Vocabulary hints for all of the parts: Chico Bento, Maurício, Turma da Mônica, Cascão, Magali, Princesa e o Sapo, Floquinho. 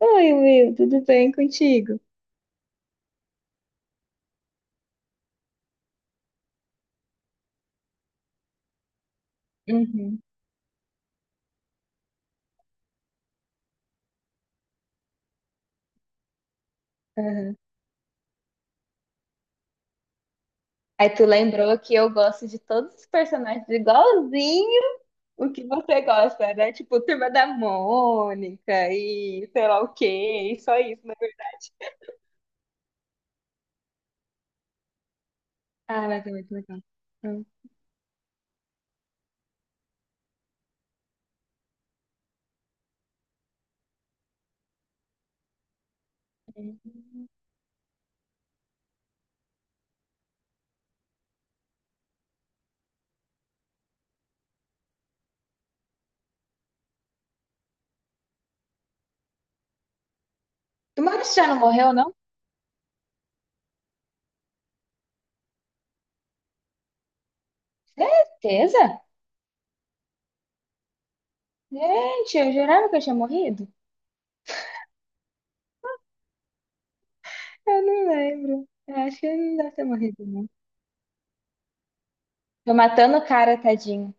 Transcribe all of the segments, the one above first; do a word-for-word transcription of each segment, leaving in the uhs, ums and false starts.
Oi, Will, tudo bem contigo? Uhum, uhum. Aí tu lembrou que eu gosto de todos os personagens igualzinho o que você gosta, né? Tipo, Turma da Mônica e sei lá o quê, e só isso, né? Ah, mas é muito legal. Uhum. Tu Maurício já não morreu, não? Certeza? Gente, eu jurava que eu tinha morrido. Eu não lembro. Eu acho que ele não deve ter morrido, não. Tô matando o cara, tadinho.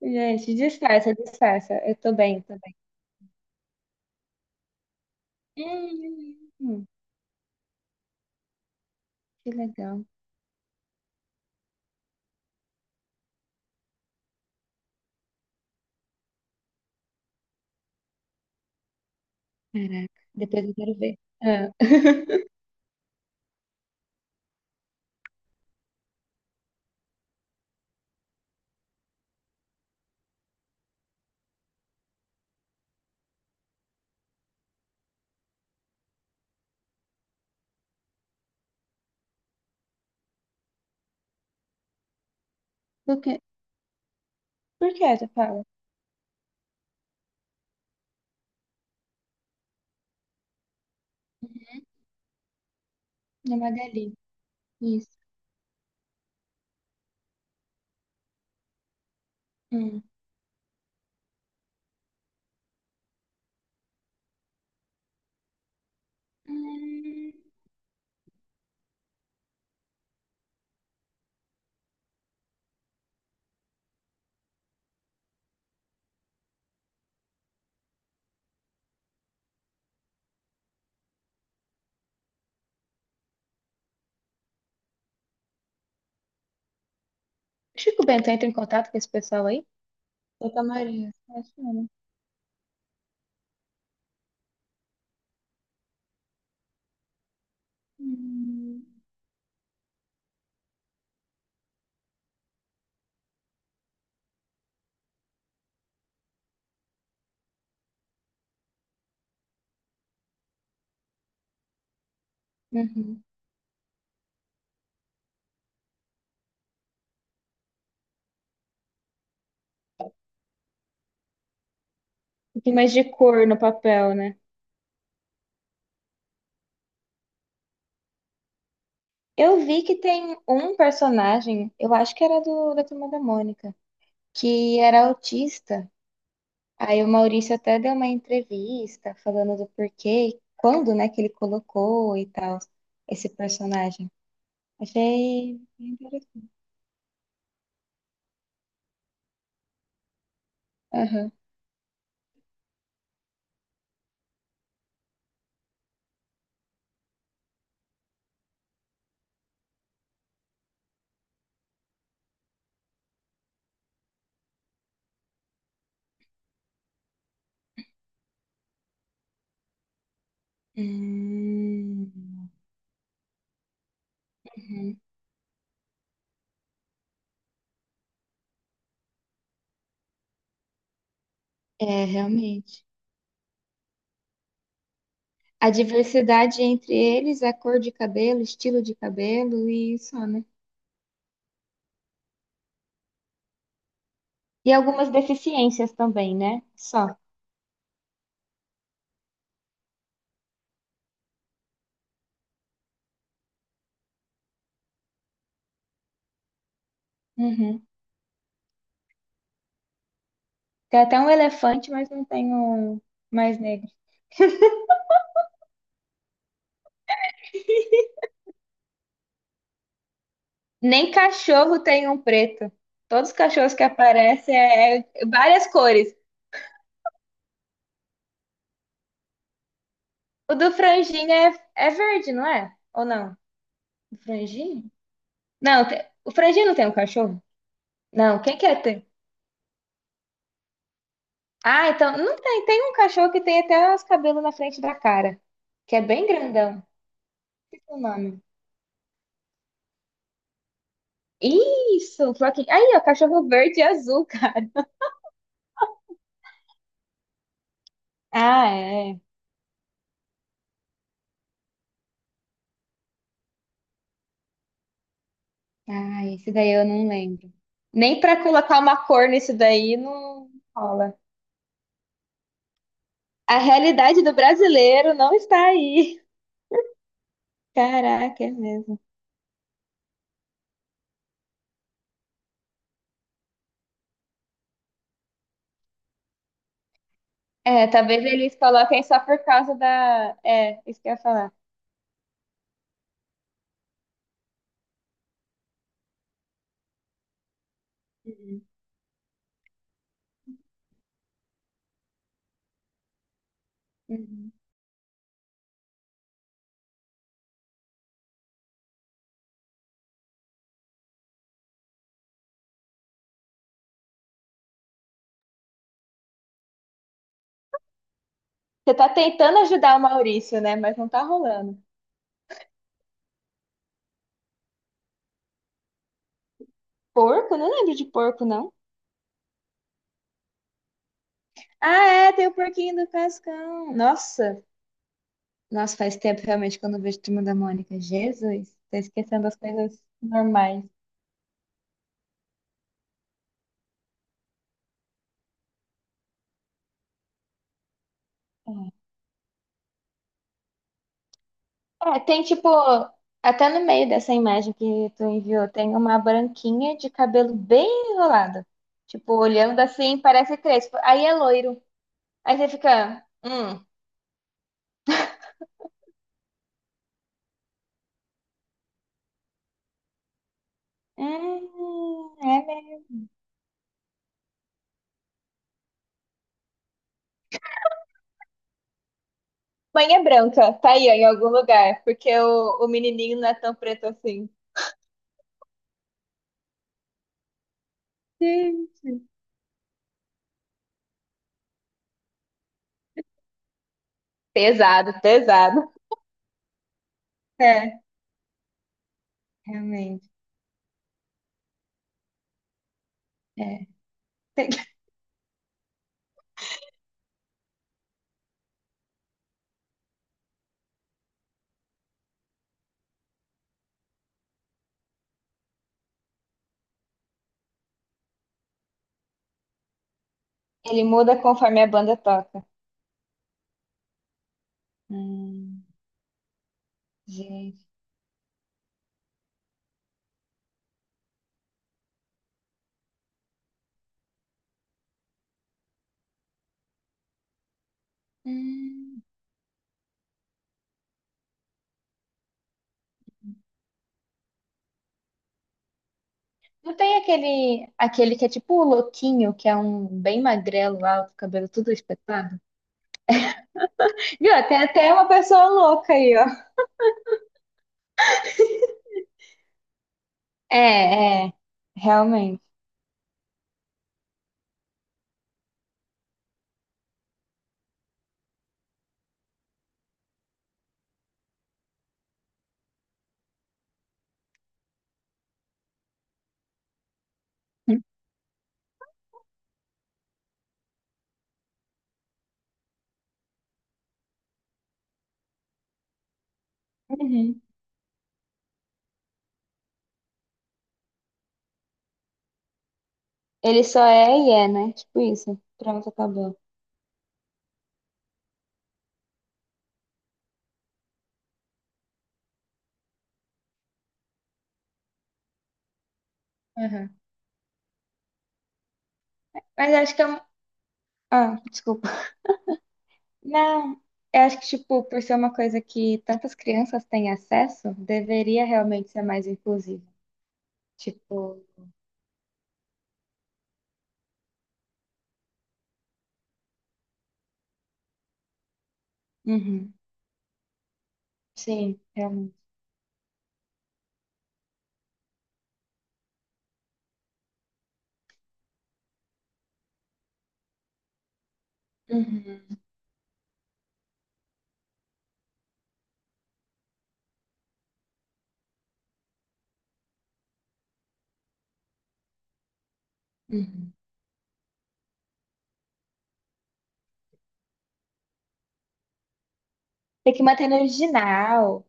Gente, disfarça, disfarça. Eu tô bem, tô. Hum, hum, que legal. Caraca, depois eu quero ver. Ah. Por quê? Por que essa fala? Na Magali. Isso. Hum. Hum. Chico Bento entra em contato com esse pessoal aí? Santa Maria. Acho que não. Hum. Uhum. Um mais de cor no papel, né? Eu vi que tem um personagem, eu acho que era do, da Turma da Mônica, que era autista. Aí o Maurício até deu uma entrevista falando do porquê, quando, né, que ele colocou e tal, esse personagem. Achei bem interessante. Aham. Hum, uhum. É, realmente. A diversidade entre eles, a cor de cabelo, estilo de cabelo e só, né? E algumas deficiências também, né? Só. Uhum. Tem até um elefante, mas não tem um mais. Nem cachorro tem um preto. Todos os cachorros que aparecem é é várias cores. O do franjinho é, é verde, não é? Ou não? O franjinho? Não, te- o franjinho não tem um cachorro? Não, quem quer ter? Ah, então não tem. Tem um cachorro que tem até os cabelos na frente da cara, que é bem grandão. Esqueci o nome. Isso, Floquinho. Aí, ó, cachorro verde e azul, cara. Ah, é. Ah, esse daí eu não lembro. Nem pra colocar uma cor nesse daí não rola. A realidade do brasileiro não está aí. Caraca, é mesmo. É, talvez eles coloquem só por causa da. É, isso que eu ia falar. Uhum. Uhum. Você tá tentando ajudar o Maurício, né? Mas não tá rolando. Porco? Não lembro de porco, não. Ah, é, tem o porquinho do Cascão. Nossa, nossa, faz tempo realmente que eu não vejo Turma da Mônica. Jesus, tô esquecendo as coisas normais. É, tem tipo, até no meio dessa imagem que tu enviou, tem uma branquinha de cabelo bem enrolado. Tipo, olhando assim, parece crespo. Aí é loiro. Aí você fica, hum, hum, é mesmo. Mãe é branca, tá aí ó, em algum lugar, porque o, o menininho não é tão preto assim. Sim. Pesado, pesado. É, realmente. É. Ele muda conforme a banda toca. Hum, gente. Hum. Não tem aquele, aquele que é tipo o louquinho, que é um bem magrelo lá, com o cabelo tudo espetado? Viu? Tem até uma pessoa louca aí, ó. É, é, realmente. Uhum. Ele só é e é, né? Tipo isso. Pronto, acabou. Uhum. Mas acho que é um... Ah, desculpa. Não, eu acho que, tipo, por ser uma coisa que tantas crianças têm acesso, deveria realmente ser mais inclusivo. Tipo, uhum, sim, realmente. Uhum. Uhum. Tem que manter no original.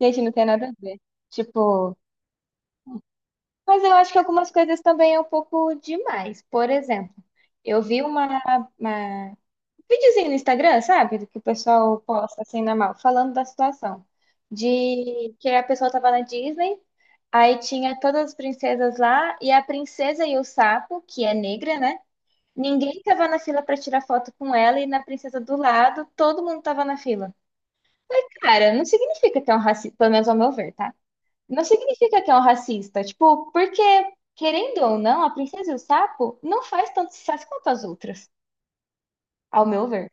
Gente, não tem nada a ver. Tipo, mas eu acho que algumas coisas também é um pouco demais. Por exemplo, eu vi uma, uma- um videozinho no Instagram, sabe? Do que o pessoal posta assim na mão, falando da situação. De que a pessoa tava na Disney, aí tinha todas as princesas lá, e a princesa e o sapo, que é negra, né? Ninguém tava na fila pra tirar foto com ela, e na princesa do lado, todo mundo tava na fila. Cara, não significa que é um racismo, pelo menos ao meu ver, tá? Não significa que é um racista. Tipo, porque, querendo ou não, a Princesa e o Sapo não faz tanto sucesso quanto as outras, ao meu ver.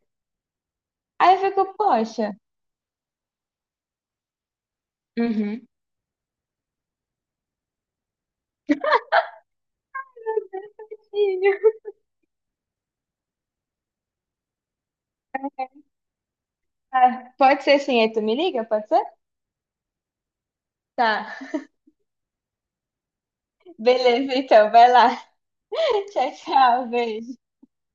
Aí eu fico, poxa. Uhum. Ah, pode ser sim, aí tu me liga? Pode ser? Tá. Beleza, então, vai lá. Tchau, tchau, beijo.